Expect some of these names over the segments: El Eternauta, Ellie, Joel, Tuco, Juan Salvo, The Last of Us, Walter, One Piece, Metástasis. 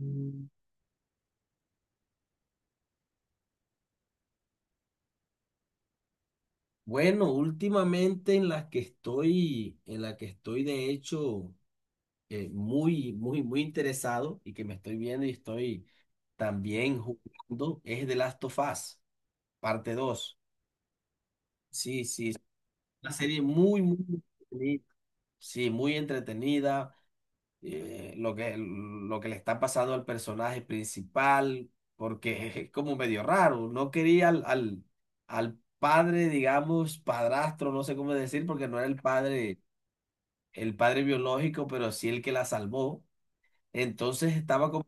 Mm. Bueno, últimamente en la que estoy de hecho muy interesado y que me estoy viendo y estoy también jugando es The Last of Us, parte 2. Sí, sí, es una serie muy entretenida. Sí, muy entretenida, lo que le está pasando al personaje principal, porque es como medio raro. No quería al padre, digamos, padrastro, no sé cómo decir, porque no era el padre biológico, pero sí el que la salvó. Entonces estaba como,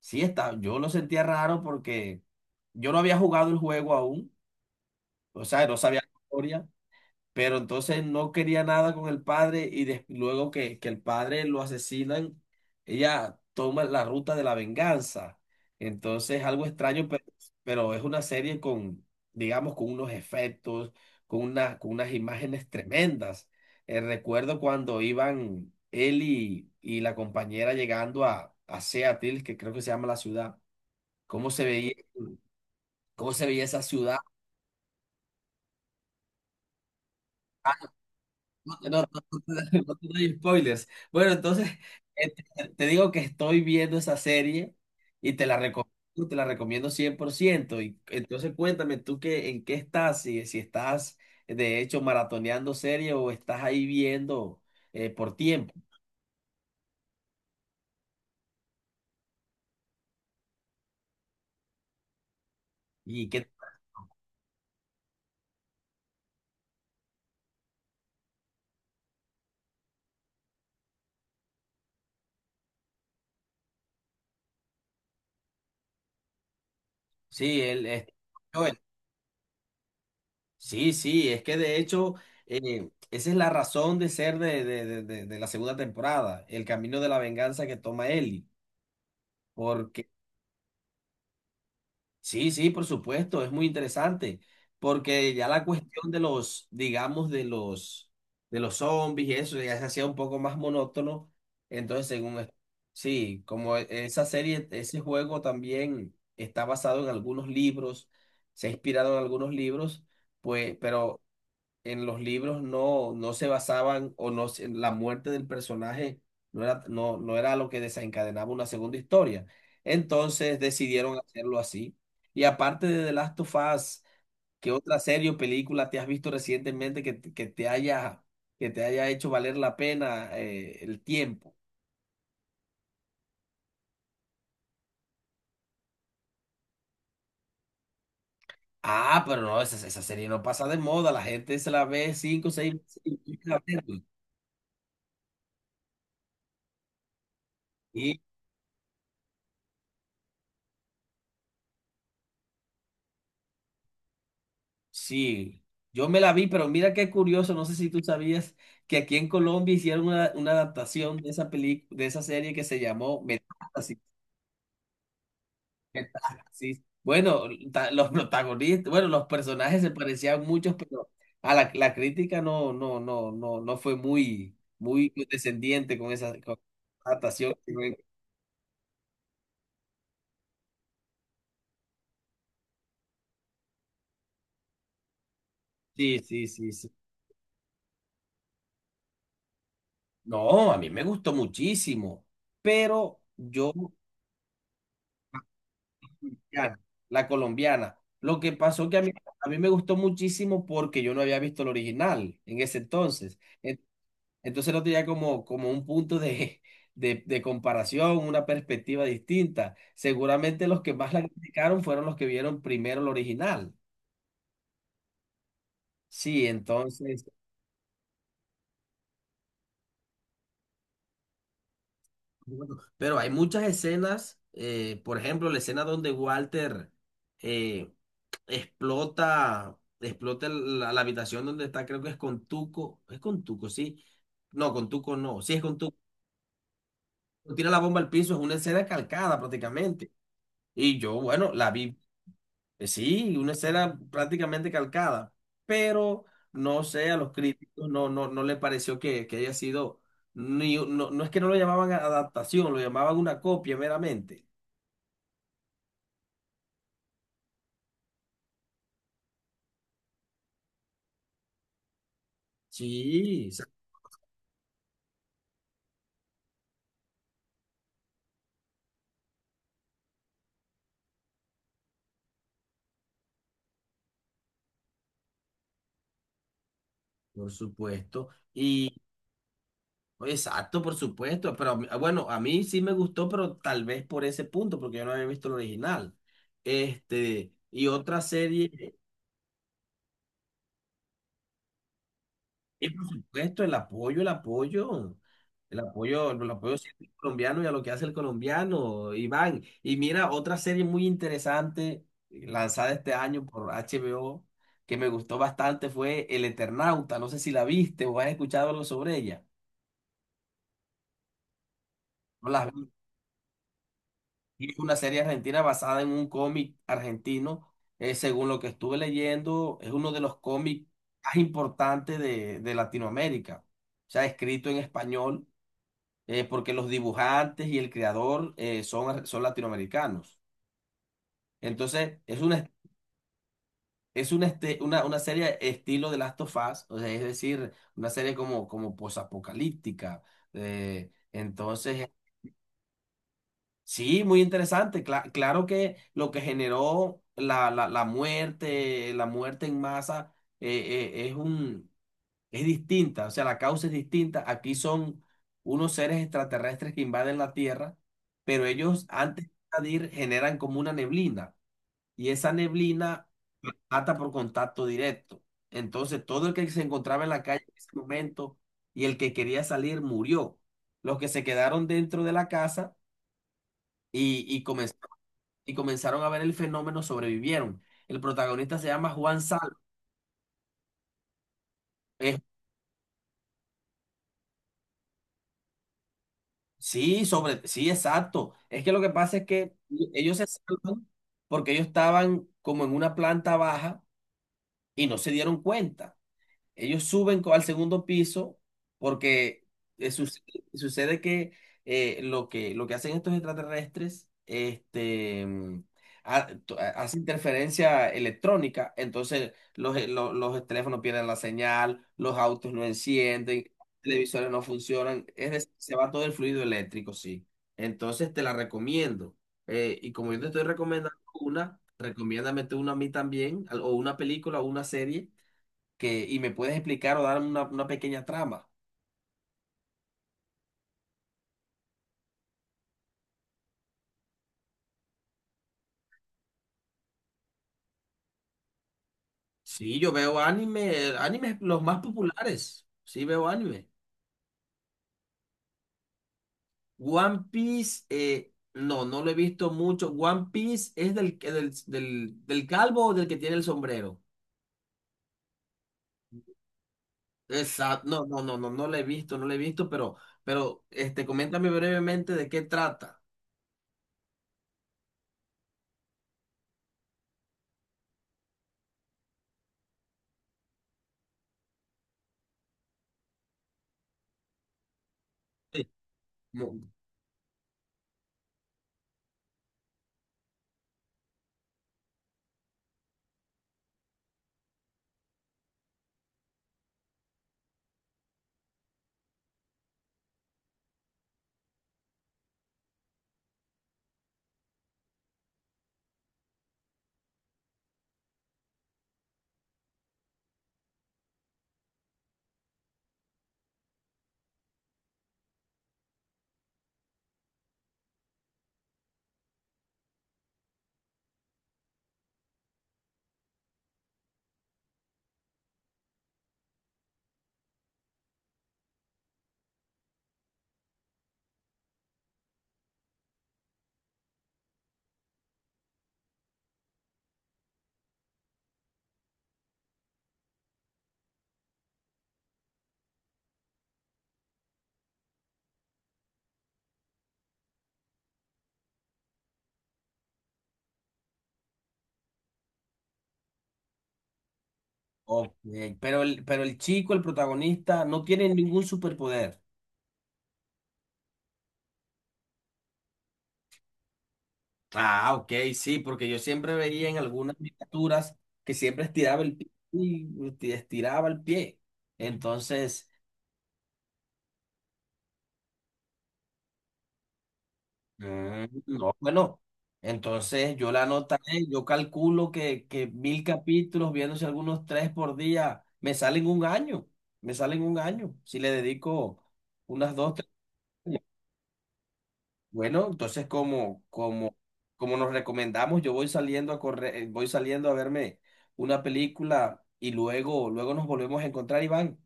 sí está yo lo sentía raro porque yo no había jugado el juego aún, o sea, no sabía la historia, pero entonces no quería nada con el padre y luego que el padre lo asesinan, ella toma la ruta de la venganza. Entonces, algo extraño, pero es una serie con, digamos, con unos efectos, con unas imágenes tremendas. Recuerdo cuando iban él y la compañera llegando a Seattle, que creo que se llama la ciudad, cómo se veía, cómo se veía esa ciudad. No, no, no, no no te doy spoilers. Bueno, entonces te digo que estoy viendo esa serie y te la recomiendo cien por ciento. Y entonces cuéntame tú qué, en qué estás, si estás de hecho maratoneando serie o estás ahí viendo por tiempo. Y que sí, él es Joel. Sí, sí, es que de hecho esa es la razón de ser de la segunda temporada, el camino de la venganza que toma Ellie. Porque sí, sí, por supuesto, es muy interesante, porque ya la cuestión de los, digamos, de los zombies y eso ya se hacía un poco más monótono. Entonces, según, sí, como esa serie, ese juego también está basado en algunos libros, se ha inspirado en algunos libros, pues, pero en los libros no, no se basaban o no, la muerte del personaje no era, no era lo que desencadenaba una segunda historia. Entonces decidieron hacerlo así. Y aparte de The Last of Us, ¿qué otra serie o película te has visto recientemente que te haya hecho valer la pena el tiempo? Ah, pero no, esa serie no pasa de moda, la gente se la ve cinco o seis veces y vuelve a verla. Sí, yo me la vi, pero mira qué curioso, no sé si tú sabías que aquí en Colombia hicieron una adaptación de esa película, de esa serie que se llamó Metástasis. Metástasis. Bueno, los protagonistas, bueno, los personajes se parecían muchos, pero a la crítica no fue muy descendiente con esa adaptación. Sí, sí, sí, sí. No, a mí me gustó muchísimo, pero yo colombiana, la colombiana. Lo que pasó que a mí me gustó muchísimo porque yo no había visto el original en ese entonces. Entonces no tenía como, como un punto de, de comparación, una perspectiva distinta. Seguramente los que más la criticaron fueron los que vieron primero el original. Sí, entonces, bueno, pero hay muchas escenas, por ejemplo, la escena donde Walter... eh, explota, explota la habitación donde está, creo que es con Tuco, sí, no, con Tuco no, sí es con Tuco, tira la bomba al piso, es una escena calcada prácticamente, y yo, bueno, la vi, sí, una escena prácticamente calcada, pero no sé, a los críticos no, no le pareció que haya sido, ni, no, no es que no lo llamaban adaptación, lo llamaban una copia meramente, sí, por supuesto, y exacto, por supuesto, pero a mí- ah, bueno, a mí sí me gustó, pero tal vez por ese punto, porque yo no había visto el original. Este, y otra serie, y por supuesto, el apoyo siempre al colombiano y a lo que hace el colombiano, Iván. Y mira, otra serie muy interesante, lanzada este año por HBO, que me gustó bastante, fue El Eternauta. No sé si la viste o has escuchado algo sobre ella. No la Y es una serie argentina basada en un cómic argentino. Según lo que estuve leyendo, es uno de los cómics más importantes de Latinoamérica. O sea, escrito en español, porque los dibujantes y el creador son, son latinoamericanos. Entonces, es una, una serie estilo de Last of Us, o sea, es decir, una serie como, como posapocalíptica. Entonces, sí, muy interesante. Claro que lo que generó la muerte en masa, eh, es un, es distinta, o sea, la causa es distinta. Aquí son unos seres extraterrestres que invaden la Tierra, pero ellos antes de invadir generan como una neblina y esa neblina ata por contacto directo. Entonces, todo el que se encontraba en la calle en ese momento y el que quería salir murió. Los que se quedaron dentro de la casa y, y comenzaron y comenzaron a ver el fenómeno, sobrevivieron. El protagonista se llama Juan Salvo. Es- sí, sobre, sí, exacto. Es que lo que pasa es que ellos se salvan porque ellos estaban como en una planta baja y no se dieron cuenta. Ellos suben al segundo piso porque eh, suce- sucede que, lo que lo que hacen estos extraterrestres este, mm, hace interferencia electrónica, entonces los, los teléfonos pierden la señal, los autos no encienden, los televisores no funcionan, es decir, se va todo el fluido eléctrico, sí. Entonces te la recomiendo. Y como yo te estoy recomendando una, recomiéndame tú una a mí también, o una película o una serie que, y me puedes explicar o dar una pequeña trama. Sí, yo veo anime, animes los más populares. Sí, veo anime. One Piece, no, no lo he visto mucho. One Piece es del calvo o del que tiene el sombrero. Exacto. No lo he visto, no lo he visto, pero este, coméntame brevemente de qué trata. Sí. No, ok, pero el, pero el chico, el protagonista, no tiene ningún superpoder. Ah, ok, sí, porque yo siempre veía en algunas miniaturas que siempre estiraba el pie y estiraba el pie. Entonces, mm, no, bueno, entonces yo la anotaré, yo calculo que mil capítulos, viéndose algunos tres por día, me salen un año, me salen un año, si le dedico unas dos, tres. Bueno, entonces como nos recomendamos, yo voy saliendo a correr, voy saliendo a verme una película y luego, luego nos volvemos a encontrar, Iván.